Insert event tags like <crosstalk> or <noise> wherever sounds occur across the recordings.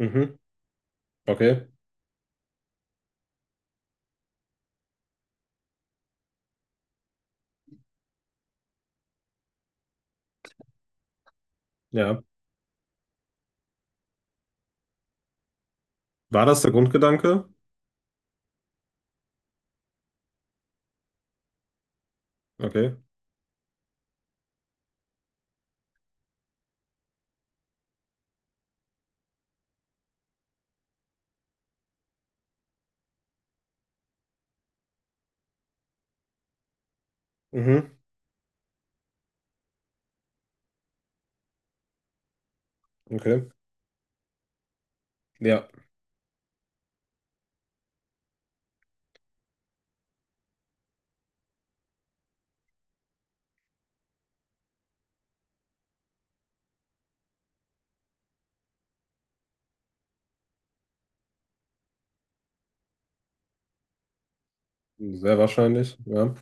Mhm. Okay. Ja. War das der Grundgedanke? Okay. Mhm. Okay. Ja. Sehr wahrscheinlich. Ja.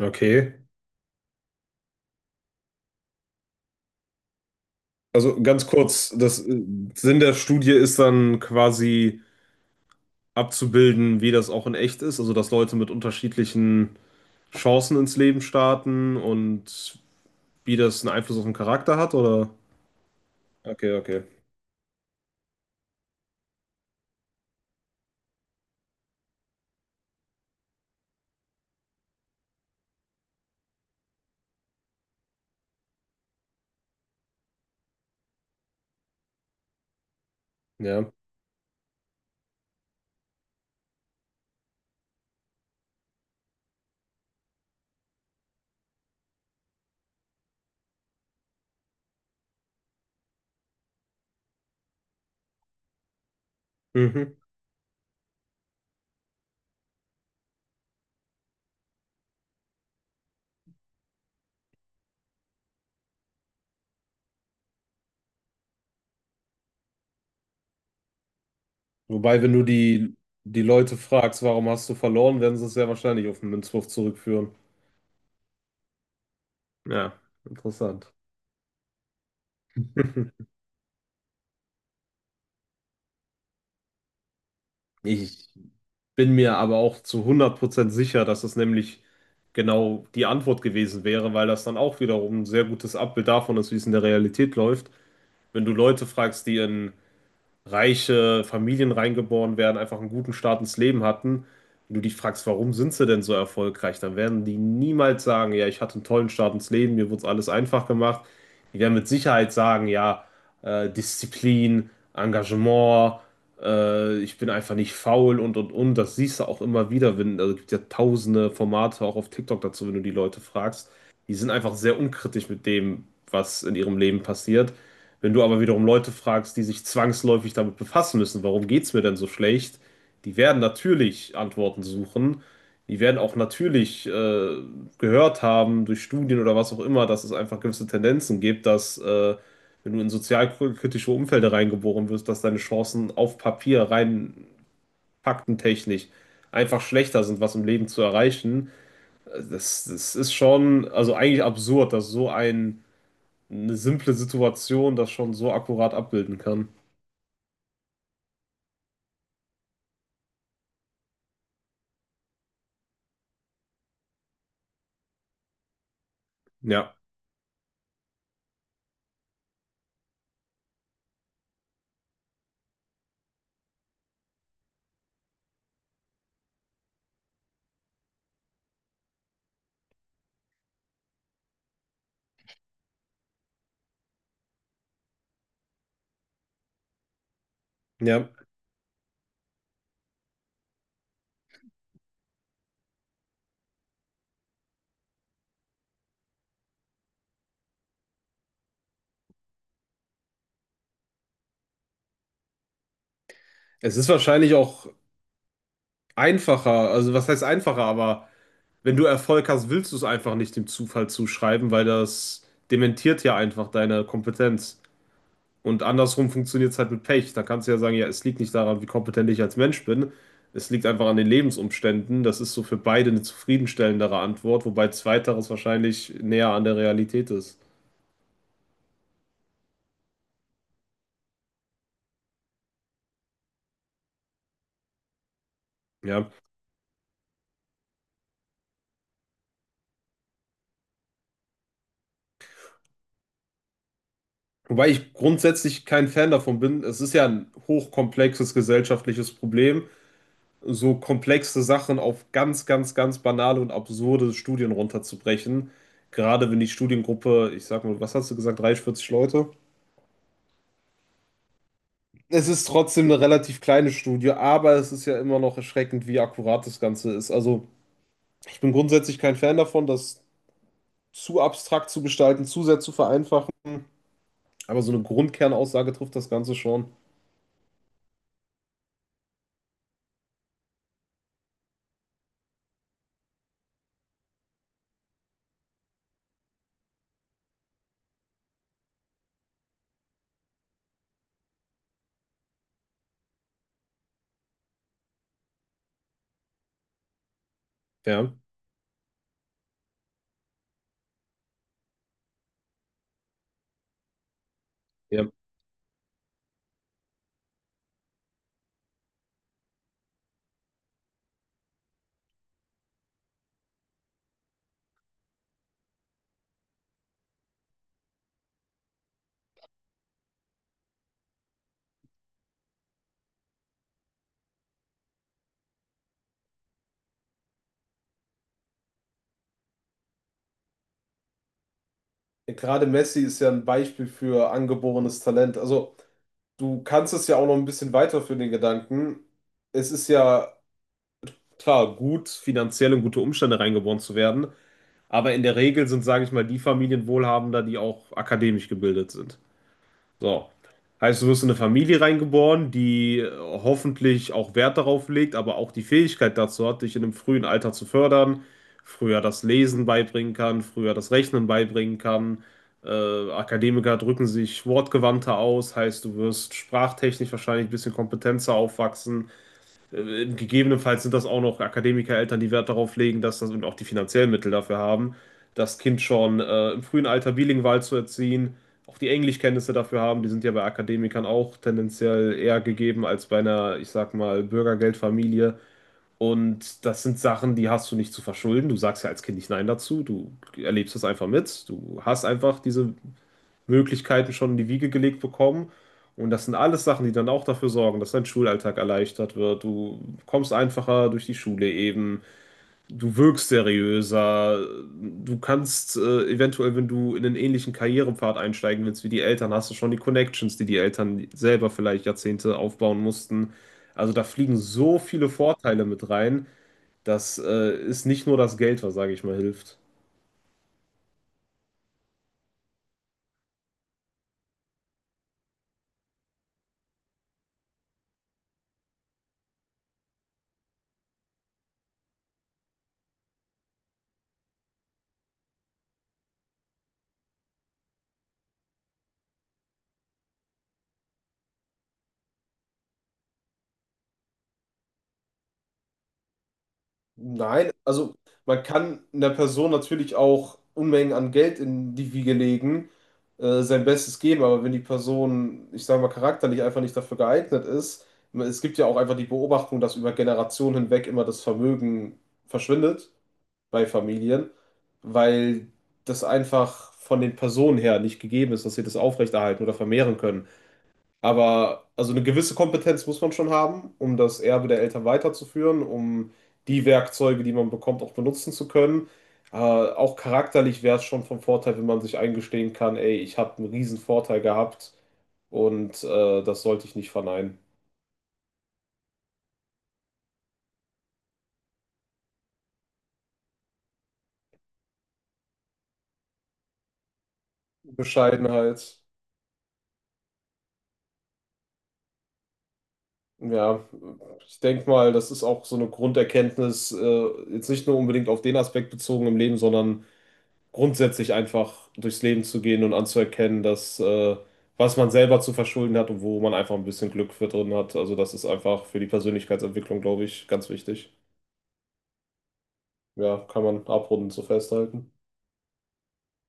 Okay. Also ganz kurz, das Sinn der Studie ist dann quasi abzubilden, wie das auch in echt ist, also dass Leute mit unterschiedlichen Chancen ins Leben starten und wie das einen Einfluss auf den Charakter hat, oder? Okay, okay. Ja. Mhm. Wobei, wenn du die Leute fragst, warum hast du verloren, werden sie es sehr wahrscheinlich auf den Münzwurf zurückführen. Ja, interessant. <laughs> Ich bin mir aber auch zu 100% sicher, dass es nämlich genau die Antwort gewesen wäre, weil das dann auch wiederum ein sehr gutes Abbild davon ist, wie es in der Realität läuft. Wenn du Leute fragst, die in reiche Familien reingeboren werden, einfach einen guten Start ins Leben hatten. Wenn du dich fragst, warum sind sie denn so erfolgreich, dann werden die niemals sagen: Ja, ich hatte einen tollen Start ins Leben, mir wurde es alles einfach gemacht. Die werden mit Sicherheit sagen: Ja, Disziplin, Engagement, ich bin einfach nicht faul und und. Das siehst du auch immer wieder, wenn, also es gibt ja tausende Formate auch auf TikTok dazu, wenn du die Leute fragst. Die sind einfach sehr unkritisch mit dem, was in ihrem Leben passiert. Wenn du aber wiederum Leute fragst, die sich zwangsläufig damit befassen müssen, warum geht's mir denn so schlecht, die werden natürlich Antworten suchen. Die werden auch natürlich gehört haben durch Studien oder was auch immer, dass es einfach gewisse Tendenzen gibt, dass wenn du in sozialkritische Umfelder reingeboren wirst, dass deine Chancen auf Papier rein faktentechnisch einfach schlechter sind, was im Leben zu erreichen. Das, das ist schon, also eigentlich absurd, dass eine simple Situation das schon so akkurat abbilden kann. Ja, ja. Es ist wahrscheinlich auch einfacher, also was heißt einfacher, aber wenn du Erfolg hast, willst du es einfach nicht dem Zufall zuschreiben, weil das dementiert ja einfach deine Kompetenz. Und andersrum funktioniert es halt mit Pech. Da kannst du ja sagen: Ja, es liegt nicht daran, wie kompetent ich als Mensch bin. Es liegt einfach an den Lebensumständen. Das ist so für beide eine zufriedenstellendere Antwort, wobei zweiteres wahrscheinlich näher an der Realität ist. Ja. Wobei ich grundsätzlich kein Fan davon bin. Es ist ja ein hochkomplexes gesellschaftliches Problem, so komplexe Sachen auf ganz, ganz, ganz banale und absurde Studien runterzubrechen. Gerade wenn die Studiengruppe, ich sag mal, was hast du gesagt, 30, 40 Leute? Es ist trotzdem eine relativ kleine Studie, aber es ist ja immer noch erschreckend, wie akkurat das Ganze ist. Also ich bin grundsätzlich kein Fan davon, das zu abstrakt zu gestalten, zu sehr zu vereinfachen. Aber so eine Grundkernaussage trifft das Ganze schon. Ja, ja. Gerade Messi ist ja ein Beispiel für angeborenes Talent. Also, du kannst es ja auch noch ein bisschen weiterführen, den Gedanken. Es ist ja klar, gut, finanziell in gute Umstände reingeboren zu werden, aber in der Regel sind, sage ich mal, die Familien wohlhabender, die auch akademisch gebildet sind. So. Heißt, du wirst in eine Familie reingeboren, die hoffentlich auch Wert darauf legt, aber auch die Fähigkeit dazu hat, dich in einem frühen Alter zu fördern, früher das Lesen beibringen kann, früher das Rechnen beibringen kann. Akademiker drücken sich wortgewandter aus, heißt, du wirst sprachtechnisch wahrscheinlich ein bisschen kompetenter aufwachsen. Gegebenenfalls sind das auch noch Akademikereltern, die Wert darauf legen, dass das und auch die finanziellen Mittel dafür haben, das Kind schon im frühen Alter bilingual zu erziehen, auch die Englischkenntnisse dafür haben. Die sind ja bei Akademikern auch tendenziell eher gegeben als bei einer, ich sag mal, Bürgergeldfamilie. Und das sind Sachen, die hast du nicht zu verschulden. Du sagst ja als Kind nicht Nein dazu. Du erlebst das einfach mit. Du hast einfach diese Möglichkeiten schon in die Wiege gelegt bekommen. Und das sind alles Sachen, die dann auch dafür sorgen, dass dein Schulalltag erleichtert wird. Du kommst einfacher durch die Schule eben. Du wirkst seriöser. Du kannst eventuell, wenn du in einen ähnlichen Karrierepfad einsteigen willst wie die Eltern, hast du schon die Connections, die die Eltern selber vielleicht Jahrzehnte aufbauen mussten. Also da fliegen so viele Vorteile mit rein. Das ist nicht nur das Geld, was, sage ich mal, hilft. Nein, also man kann einer Person natürlich auch Unmengen an Geld in die Wiege legen, sein Bestes geben, aber wenn die Person, ich sage mal, charakterlich einfach nicht dafür geeignet ist, es gibt ja auch einfach die Beobachtung, dass über Generationen hinweg immer das Vermögen verschwindet bei Familien, weil das einfach von den Personen her nicht gegeben ist, dass sie das aufrechterhalten oder vermehren können. Aber also eine gewisse Kompetenz muss man schon haben, um das Erbe der Eltern weiterzuführen, um die Werkzeuge, die man bekommt, auch benutzen zu können. Auch charakterlich wäre es schon vom Vorteil, wenn man sich eingestehen kann: Ey, ich habe einen riesen Vorteil gehabt und das sollte ich nicht verneinen. Bescheidenheit. Ja, ich denke mal, das ist auch so eine Grunderkenntnis, jetzt nicht nur unbedingt auf den Aspekt bezogen im Leben, sondern grundsätzlich einfach durchs Leben zu gehen und anzuerkennen, dass was man selber zu verschulden hat und wo man einfach ein bisschen Glück für drin hat. Also das ist einfach für die Persönlichkeitsentwicklung, glaube ich, ganz wichtig. Ja, kann man abrundend so festhalten.